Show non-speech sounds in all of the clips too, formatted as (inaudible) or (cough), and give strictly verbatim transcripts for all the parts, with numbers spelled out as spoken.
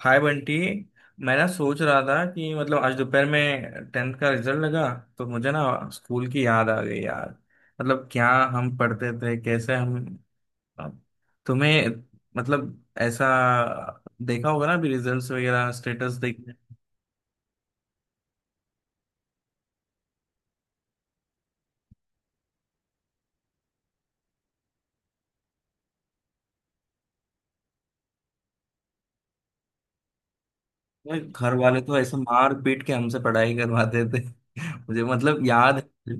हाय बंटी। मैं ना सोच रहा था कि मतलब आज दोपहर में टेंथ का रिजल्ट लगा तो मुझे ना स्कूल की याद आ गई यार। मतलब क्या हम पढ़ते थे, कैसे हम तुम्हें मतलब ऐसा देखा होगा ना अभी रिजल्ट्स वगैरह स्टेटस देखने में। घर वाले तो ऐसे मार पीट के हमसे पढ़ाई करवाते थे (laughs) मुझे मतलब याद है।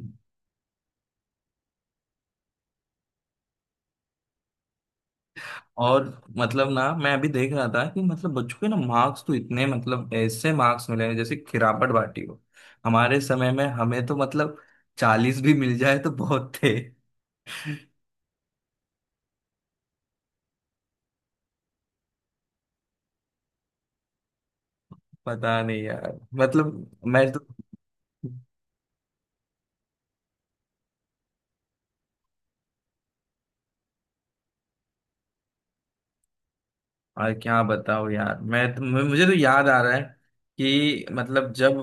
और मतलब ना मैं अभी देख रहा था कि मतलब बच्चों के ना मार्क्स तो इतने मतलब ऐसे मार्क्स मिले हैं जैसे खिरापट बाटी हो। हमारे समय में हमें तो मतलब चालीस भी मिल जाए तो बहुत थे (laughs) पता नहीं यार मतलब, मैं तो। और क्या बताऊँ यार, मैं तो मुझे तो याद आ रहा है कि मतलब जब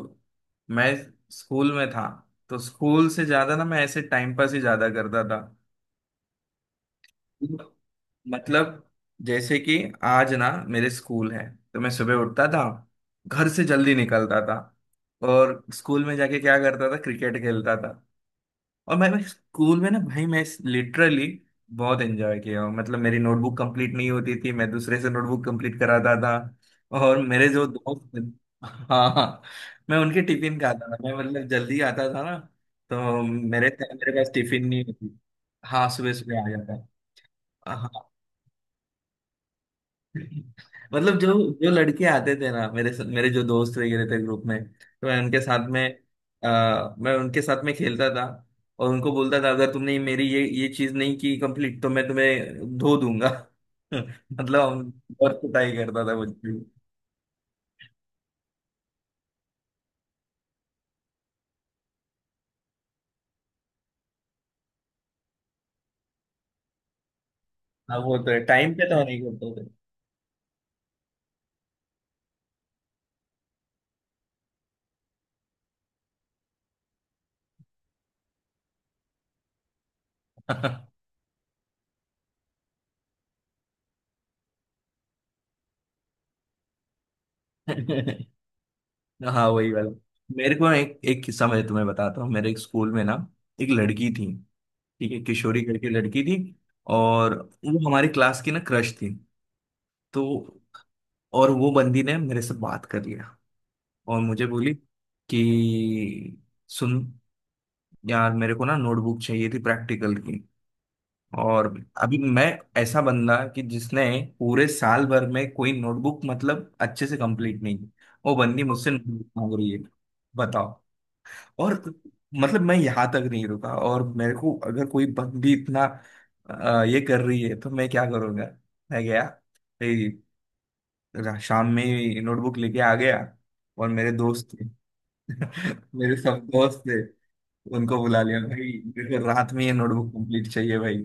मैं स्कूल में था तो स्कूल से ज्यादा ना मैं ऐसे टाइम पास ही ज्यादा करता था। मतलब जैसे कि आज ना मेरे स्कूल है तो मैं सुबह उठता था, घर से जल्दी निकलता था और स्कूल में जाके क्या करता था, क्रिकेट खेलता था। और मैं मैं स्कूल में ना भाई मैं लिटरली बहुत एंजॉय किया हूँ। मतलब मेरी नोटबुक कंप्लीट नहीं होती थी, मैं दूसरे से नोटबुक कंप्लीट कराता था। और मेरे जो दोस्त थे- हाँ हाँ। मैं उनके टिफिन खाता था, मैं मतलब जल्दी आता था ना, तो मेरे मेरे पास टिफिन नहीं होती। हाँ सुबह सुबह आ जाता। हाँ। मतलब जो जो लड़के आते थे ना, मेरे मेरे जो दोस्त वगैरह थे ग्रुप में, तो मैं उनके साथ में आ, मैं उनके साथ में खेलता था। और उनको बोलता था अगर तुमने मेरी ये ये चीज नहीं की कंप्लीट तो मैं तुम्हें धो दूंगा। (laughs) मतलब हम बहुत कुटाई करता था मुझे। हाँ वो तो है, टाइम पे तो नहीं करते थे (laughs) हाँ वही वाला। मेरे को एक एक किस्सा मैं तुम्हें बताता हूँ। मेरे एक स्कूल में ना एक लड़की थी। ठीक है, किशोरी करके लड़की थी। और वो हमारी क्लास की ना क्रश थी। तो और वो बंदी ने मेरे से बात कर लिया। और मुझे बोली कि सुन यार, मेरे को ना नोटबुक चाहिए थी प्रैक्टिकल की। और अभी मैं ऐसा बंदा कि जिसने पूरे साल भर में कोई नोटबुक मतलब अच्छे से कंप्लीट नहीं की, वो बंदी मुझसे notebook मांग रही है। बताओ। और मतलब मैं यहाँ तक नहीं रुका, और मेरे को अगर कोई बंदी इतना अ, ये कर रही है तो मैं क्या करूँगा। मैं गया, रा- शाम में ही नोटबुक लेके आ गया। और मेरे दोस्त थे (laughs) मेरे सब दोस्त थे, उनको बुला लिया, भाई मेरे को रात में ये नोटबुक कंप्लीट चाहिए भाई।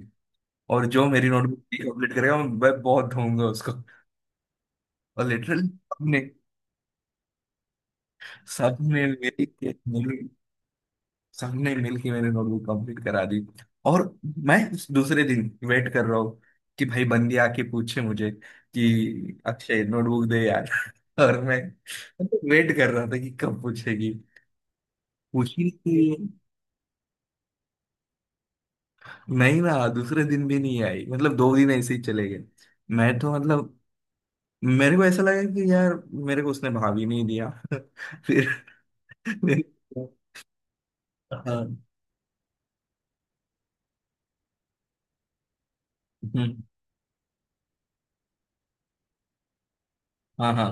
और जो मेरी नोटबुक कंप्लीट करेगा मैं बहुत ढूंढूंगा उसको। और लिटरली सबने सबने मेरी मेरी- सबने मिलके मेरी नोटबुक कंप्लीट करा दी। और मैं उस दूसरे दिन वेट कर रहा हूँ कि भाई बंदी आके पूछे मुझे कि अक्षय नोटबुक दे यार (laughs) और मैं वेट कर रहा था कि कब पूछेगी, खुशी थी। नहीं ना दूसरे दिन भी नहीं आई, मतलब दो दिन ऐसे ही चले गए। मैं तो मतलब मेरे को ऐसा लगा कि यार मेरे को उसने भाव ही नहीं दिया (laughs) फिर फिर हाँ। हम्म। हाँ हाँ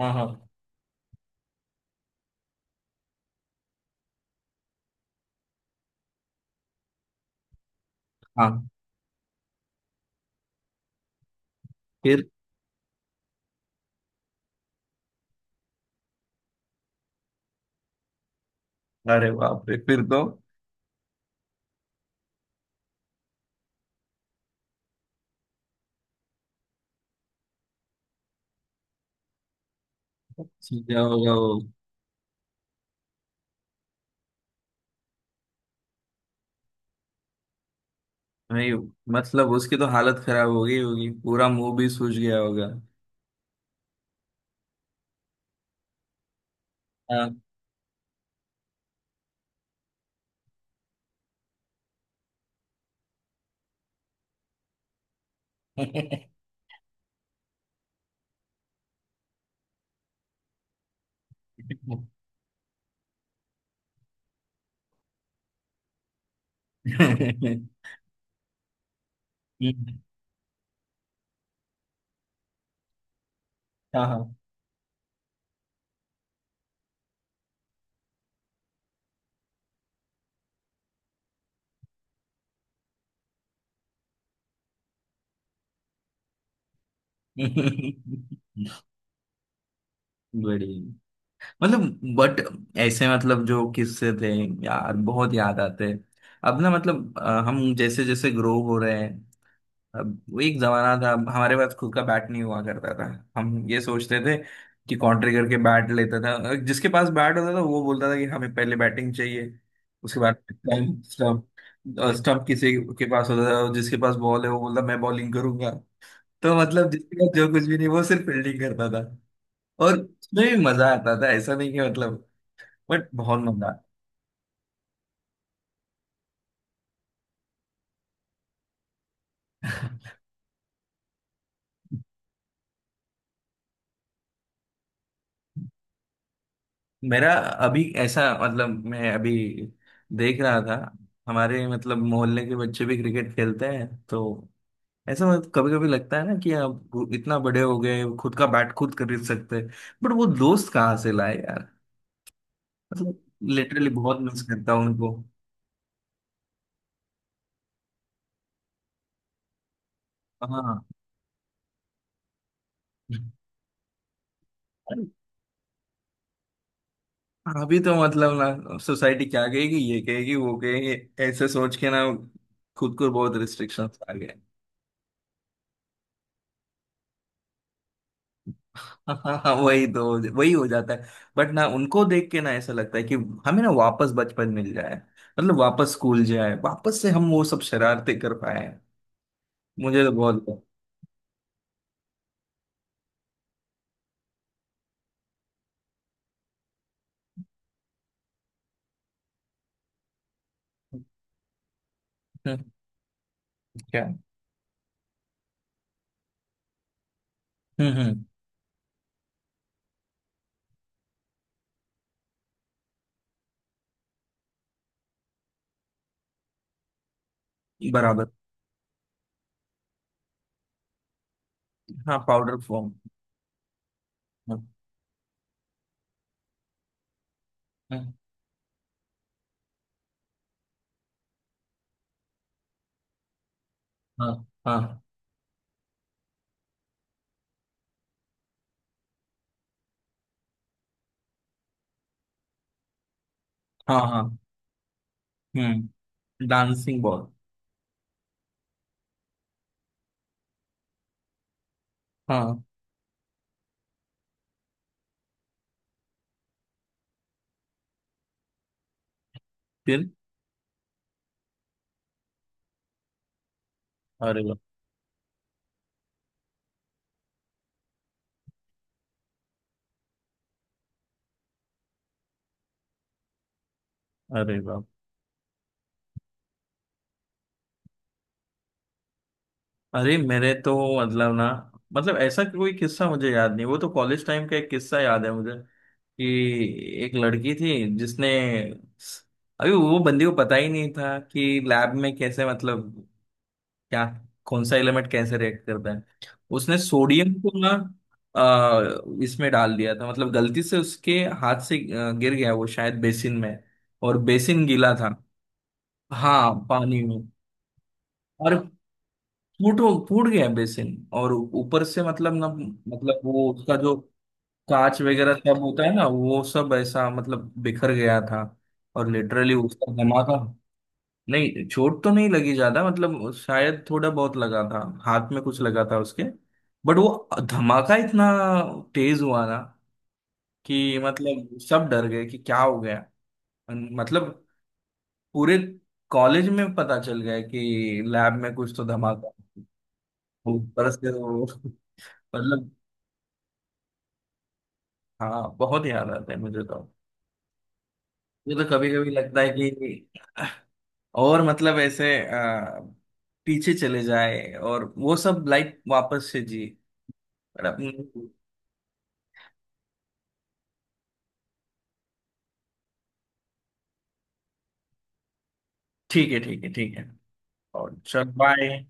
हाँ हाँ हाँ। फिर अरे बाप रे, फिर तो सीधा होगा वो। नहीं मतलब उसकी तो हालत खराब हो गई होगी, पूरा मुंह भी सूज गया होगा। हाँ (laughs) हाँ हाँ (laughs) बढ़िया। मतलब बट ऐसे मतलब जो किस्से थे यार बहुत याद आते। अब ना मतलब अ, हम जैसे जैसे ग्रो हो रहे हैं। अब वो एक जमाना था, हमारे पास खुद का बैट नहीं हुआ करता था। हम ये सोचते थे कि कॉन्ट्री करके बैट लेता था अ, जिसके पास बैट होता था वो बोलता था कि हमें पहले बैटिंग चाहिए, उसके बाद स्टम्प। स्टम्प किसी के पास होता था, जिसके पास बॉल है वो बोलता मैं बॉलिंग करूंगा। तो मतलब जिसके पास जो कुछ भी नहीं वो सिर्फ फील्डिंग करता था। और उसमें भी मजा आता था, ऐसा नहीं कि मतलब बट बहुत मजा (laughs) मेरा अभी ऐसा मतलब मैं अभी देख रहा था हमारे मतलब मोहल्ले के बच्चे भी क्रिकेट खेलते हैं, तो ऐसा मतलब कभी कभी लगता है ना कि आप इतना बड़े हो गए, खुद का बैट खुद खरीद सकते हैं। बट वो दोस्त कहाँ से लाए यार, मतलब लिटरली बहुत मिस करता हूँ उनको। हाँ। अरे, अभी तो मतलब ना सोसाइटी क्या कहेगी, ये कहेगी वो कहेगी, ऐसे सोच के ना खुद को बहुत रिस्ट्रिक्शंस आ गए। हाँ हाँ वही तो वही हो जाता है। बट ना उनको देख के ना ऐसा लगता है कि हमें ना वापस बचपन मिल जाए, मतलब वापस स्कूल जाए, वापस से हम वो सब शरारते कर पाए हैं। मुझे तो बहुत। हम्म, क्या। हम्म हम्म। बराबर। हाँ पाउडर फॉर्म। हाँ हाँ हाँ हाँ हाँ। हम्म। Dancing ball. हाँ। फिर। अरे वाह। अरे वाह। अरे मेरे तो मतलब ना मतलब ऐसा कोई किस्सा मुझे याद नहीं। वो तो कॉलेज टाइम का एक किस्सा याद है मुझे। कि एक लड़की थी जिसने, अभी वो बंदी को पता ही नहीं था कि लैब में कैसे मतलब क्या, कौन सा एलिमेंट कैसे रिएक्ट करता है। उसने सोडियम को ना अ, इसमें डाल दिया था, मतलब गलती से उसके हाथ से अ, गिर गया वो शायद बेसिन में। और बेसिन गीला था। हाँ पानी में। और फूट फूट गया बेसिन। और ऊपर से मतलब ना मतलब वो उसका जो कांच वगैरह सब होता है ना, वो सब ऐसा मतलब बिखर गया था। और लिटरली उसका धमाका। नहीं चोट तो नहीं लगी ज्यादा, मतलब शायद थोड़ा बहुत लगा था। हाथ में कुछ लगा था उसके। बट वो धमाका इतना तेज हुआ ना कि मतलब सब डर गए कि क्या हो गया। मतलब पूरे कॉलेज में पता चल गया कि लैब में कुछ तो धमाका। ऊपर से वो (laughs) मतलब हाँ, बहुत याद आता है मुझे तो। मुझे तो कभी कभी लगता है कि और मतलब ऐसे आ, पीछे चले जाए और वो सब लाइफ वापस से जी। पर अब- ठीक है ठीक है ठीक है। और चल बाय।